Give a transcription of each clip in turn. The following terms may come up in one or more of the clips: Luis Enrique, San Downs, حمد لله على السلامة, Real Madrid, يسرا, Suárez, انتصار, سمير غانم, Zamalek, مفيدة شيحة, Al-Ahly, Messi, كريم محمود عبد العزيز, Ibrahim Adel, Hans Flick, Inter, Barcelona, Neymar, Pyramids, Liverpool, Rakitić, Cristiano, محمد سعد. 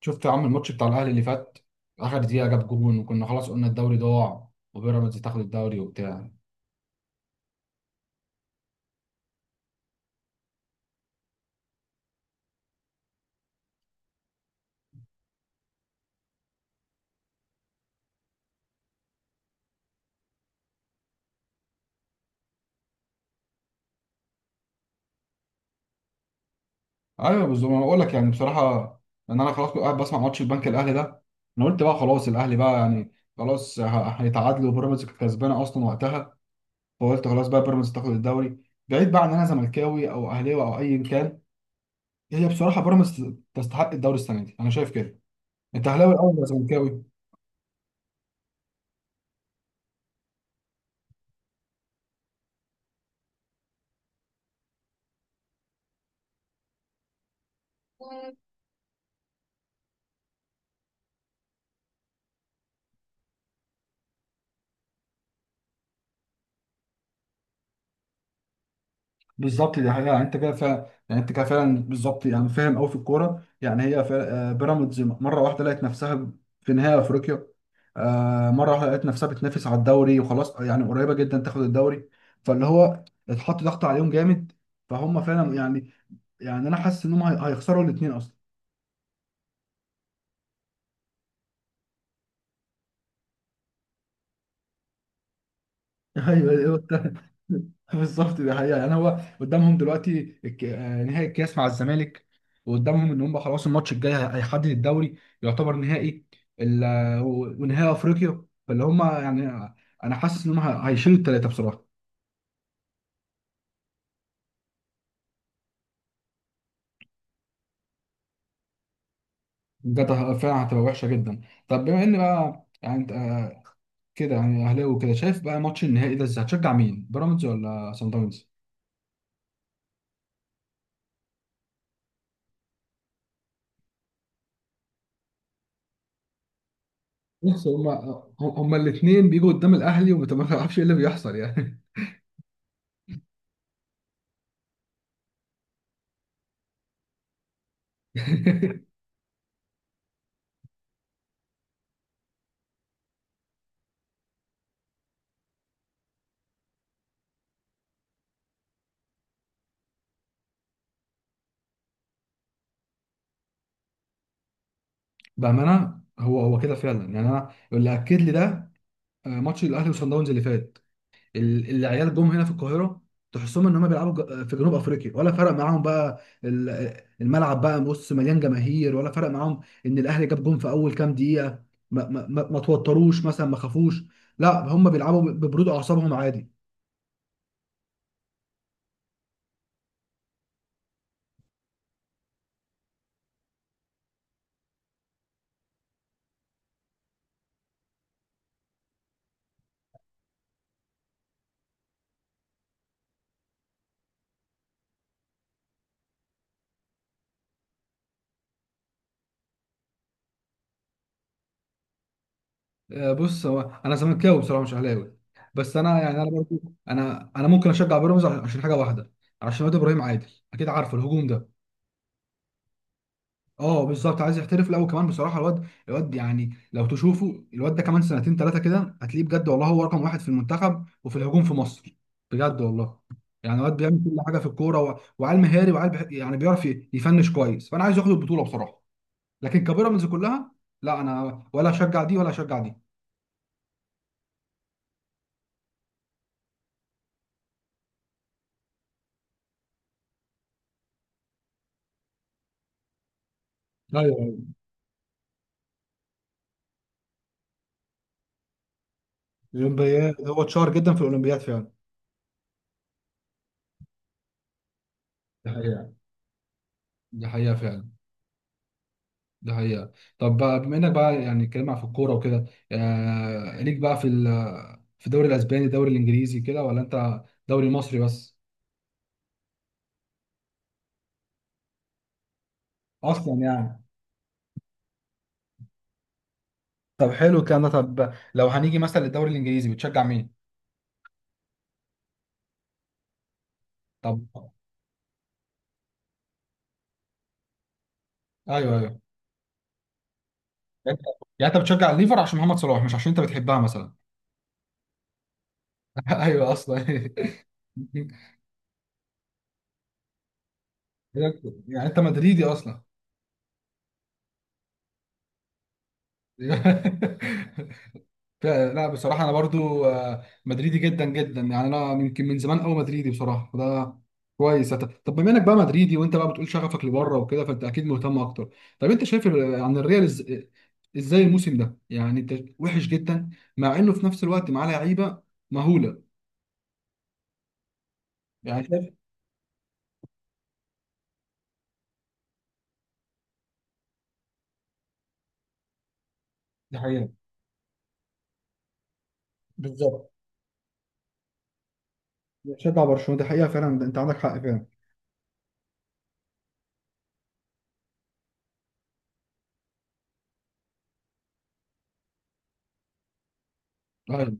شفت يا عم الماتش بتاع الاهلي اللي فات. اخر دقيقه جاب جون وكنا خلاص قلنا الدوري ضاع وبيراميدز تاخد الدوري وبتاع. ايوه بالظبط انا بقول لك يعني بصراحه ان انا خلاص كنت قاعد بسمع ماتش البنك الاهلي ده. انا قلت بقى خلاص الاهلي بقى يعني خلاص هيتعادلوا وبيراميدز كانت كسبانه اصلا وقتها. فقلت خلاص بقى بيراميدز تاخد الدوري. بعيد بقى عن إن انا زملكاوي او اهلاوي او ايا كان، هي بصراحه بيراميدز تستحق الدوري السنه دي، انا شايف كده. انت اهلاوي الاول ولا زملكاوي؟ بالظبط دي حقيقة، يعني انت كده فعلا، يعني انت كده فعلا بالظبط، يعني فاهم قوي في الكورة. يعني هي بيراميدز مرة واحدة لقت نفسها في نهائي افريقيا. مرة واحدة لقت نفسها بتنافس على الدوري وخلاص يعني قريبة جدا تاخد الدوري. فاللي هو اتحط ضغط عليهم جامد، فهم فعلا يعني، يعني انا حاسس ان هم هيخسروا الاثنين اصلا. ايوه ايوه بالظبط دي حقيقة. يعني هو قدامهم دلوقتي نهائي الكاس مع الزمالك، وقدامهم ان هم خلاص الماتش الجاي هيحدد الدوري، يعتبر نهائي ونهائي افريقيا. فاللي هم يعني انا حاسس ان هم هيشيلوا الثلاثة بصراحة. بجد فعلا هتبقى وحشة جدا. طب بما ان بقى يعني انت كده يعني اهلاوي وكده، شايف بقى ماتش النهائي ده ازاي؟ هتشجع مين، بيراميدز ولا سان داونز؟ بص، هما الاثنين بيجوا قدام الاهلي وما تعرفش ايه اللي بيحصل يعني. بامانه هو كده فعلا، يعني انا اللي اكد لي ده ماتش الاهلي وصن داونز اللي فات. العيال جم هنا في القاهره، تحسهم ان هم بيلعبوا في جنوب افريقيا. ولا فرق معاهم بقى الملعب بقى، بص مليان جماهير ولا فرق معاهم. ان الاهلي جاب جون في اول كام دقيقه، ما توتروش مثلا، ما خافوش، لا هم بيلعبوا ببرود اعصابهم عادي. بص هو انا زملكاوي بصراحه، مش اهلاوي. بس انا يعني انا برضو، انا ممكن اشجع بيراميدز عشان حاجه واحده، عشان واد ابراهيم عادل، اكيد عارفه الهجوم ده. اه بالظبط عايز يحترف الاول كمان بصراحه. الواد، يعني لو تشوفه الواد ده كمان سنتين ثلاثه كده هتلاقيه بجد والله، هو رقم واحد في المنتخب وفي الهجوم في مصر، بجد والله. يعني الواد بيعمل كل حاجه في الكوره، وعيل مهاري وعيل يعني بيعرف يفنش كويس. فانا عايز ياخد البطوله بصراحه، لكن كبيراميدز كلها، لا انا ولا اشجع دي ولا اشجع دي. ايوه ايوه الاولمبياد، هو اتشهر جدا في الاولمبياد فعلا. ده حقيقة، دي حقيقة فعلا، دي حقيقة. طب بقى بما انك بقى يعني اتكلمنا في الكورة وكده، آه ليك بقى في في الدوري الاسباني، الدوري الانجليزي كده، ولا انت دوري مصري بس؟ اصلا يعني طب حلو الكلام ده. طب لو هنيجي مثلا للدوري الانجليزي بتشجع مين؟ طب ايوه ايوه. يعني انت، يعني أنت بتشجع الليفر عشان محمد صلاح مش عشان انت بتحبها مثلا؟ ايوه اصلا. يعني انت مدريدي اصلا؟ لا بصراحة أنا برضو مدريدي جدا جدا، يعني أنا يمكن من زمان أوي مدريدي بصراحة. فده كويس. طب بما إنك بقى مدريدي وأنت بقى بتقول شغفك لبره وكده، فأنت أكيد مهتم أكتر. طب أنت شايف عن الريال إزاي الموسم ده؟ يعني أنت وحش جدا مع إنه في نفس الوقت معاه لعيبة مهولة، يعني شايف؟ دي حقيقة، بالظبط. شجع برشلونة، دي حقيقة فعلا، أنت عندك حق فعلا.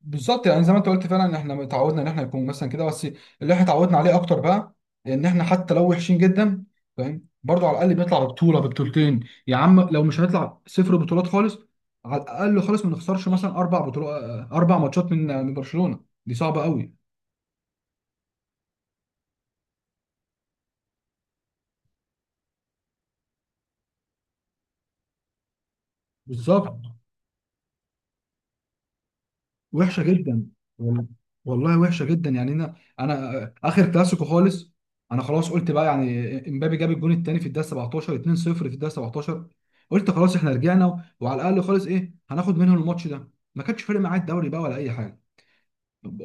بالظبط يعني زي ما انت قلت فعلا، ان احنا اتعودنا ان احنا يكون مثلا كده بس، اللي احنا اتعودنا عليه اكتر بقى ان احنا حتى لو وحشين جدا، فاهم برضه، على الاقل بنطلع ببطوله، ببطولتين. يا عم لو مش هنطلع، صفر بطولات خالص، على الاقل خالص ما نخسرش مثلا اربع بطولات، اربع ماتشات من من برشلونه. دي صعبه قوي، بالظبط، وحشه جدا. وال- والله وحشه جدا يعني. انا اخر كلاسيكو خالص انا خلاص قلت بقى يعني، امبابي جاب الجون الثاني في الدقيقه 17، 2-0 في الدقيقه 17. قلت خلاص احنا رجعنا وعلى الاقل خالص ايه، هناخد منهم الماتش ده، ما كانش فارق معايا الدوري بقى ولا اي حاجه.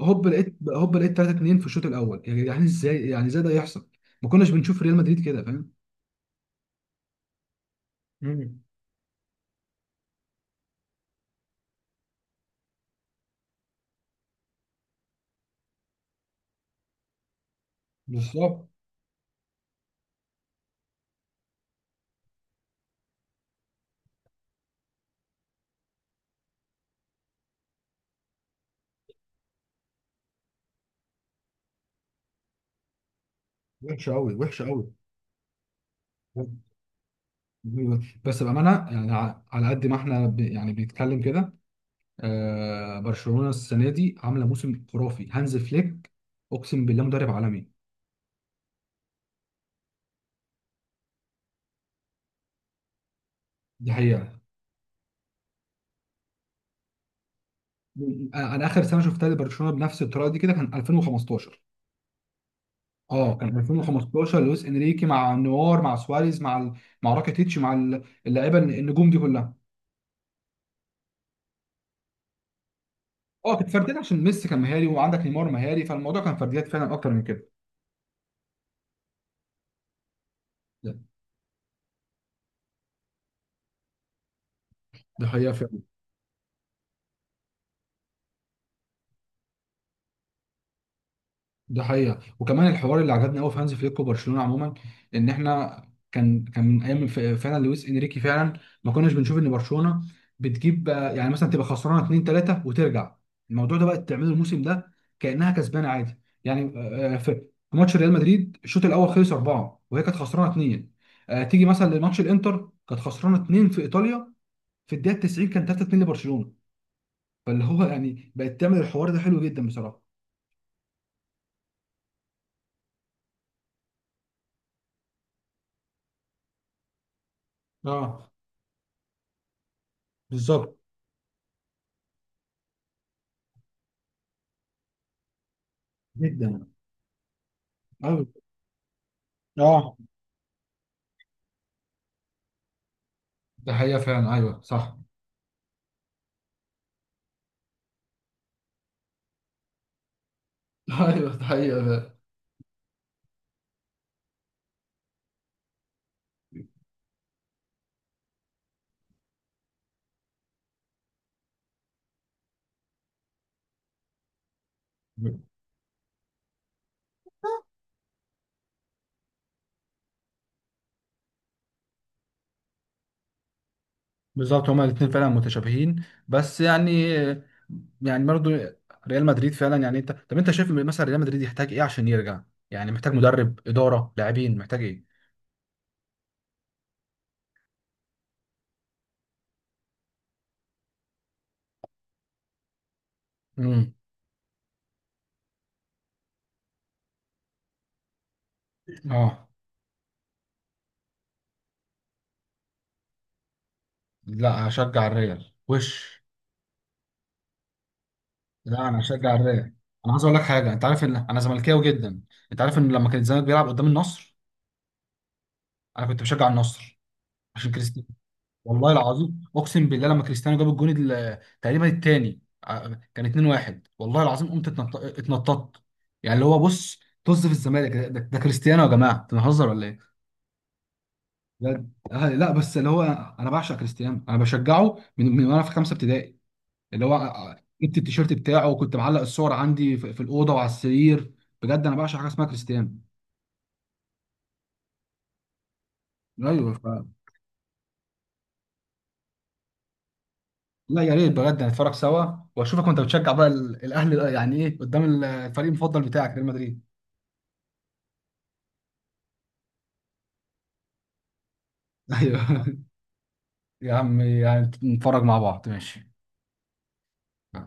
هوب لقيت هوب لقيت 3-2 في الشوط الاول، يعني يعني ازاي ده يحصل؟ ما كناش بنشوف ريال مدريد كده فاهم. مم. بالظبط. وحشه قوي، وحشه قوي. بس بأمانة يعني، على قد ما احنا يعني بنتكلم كده، آه برشلونة السنة دي عاملة موسم خرافي. هانز فليك أقسم بالله مدرب عالمي. دي حقيقة. أنا آخر سنة شفتها لبرشلونة بنفس الطريقة دي كده كان 2015. أه كان 2015 لويس إنريكي مع نوار مع سواريز مع مع راكيتيتش مع اللعيبة النجوم دي كلها. أه كانت فرديات عشان ميسي كان مهاري وعندك نيمار مهاري، فالموضوع كان فرديات فعلا أكتر من كده. ده ده حقيقة، ده حقيقة. وكمان الحوار اللي عجبني قوي في هانز فليك وبرشلونة عموما، ان احنا كان من ايام فعلا لويس انريكي فعلا، ما كناش بنشوف ان برشلونة بتجيب يعني مثلا تبقى خسرانة 2 3 وترجع. الموضوع ده بقى تعمله الموسم ده كأنها كسبانة عادي. يعني في في ماتش ريال مدريد الشوط الاول خلص 4 وهي كانت خسرانة 2. تيجي مثلا لماتش الانتر كانت خسرانة 2 في ايطاليا، في الدقيقة 90 كان 3 2 لبرشلونة. فاللي هو يعني بقت تعمل الحوار ده حلو جدا بصراحة. اه بالظبط جدا. أيوة. اه ده حقيقة فعلا، ايوه صح. ايوه ده حقيقة فعلا. بالظبط، هما الاثنين فعلا متشابهين، بس يعني، يعني برضو ريال مدريد فعلا، يعني انت، طب انت شايف مثلا ريال مدريد يحتاج ايه عشان يرجع؟ يعني محتاج مدرب، اداره، لاعبين، محتاج ايه؟ امم اه لا اشجع الريال وش. لا انا اشجع الريال. انا عايز اقول لك حاجه، انت عارف ان انا زملكاوي جدا؟ انت عارف ان لما كان الزمالك بيلعب قدام النصر انا كنت بشجع النصر، عشان والله العظيم اقسم بالله، لما كريستيانو جاب الجون تقريبا الثاني، كان 2-1 والله العظيم قمت اتنططت. يعني اللي هو بص، طز في الزمالك، ده كريستيانو يا جماعه، انتوا بنهزر ولا ايه؟ بجد. لا بس اللي هو انا بعشق كريستيانو، انا بشجعه من وانا في خمسه ابتدائي. اللي هو جبت التيشيرت بتاعه وكنت معلق الصور عندي في الاوضه وعلى السرير. بجد انا بعشق حاجه اسمها كريستيانو. ايوه لا يا ريت بجد نتفرج سوا، واشوفك وانت بتشجع بقى الاهلي يعني، ايه قدام الفريق المفضل بتاعك ريال مدريد. ايوه. يا عم يعني نتفرج مع بعض ماشي.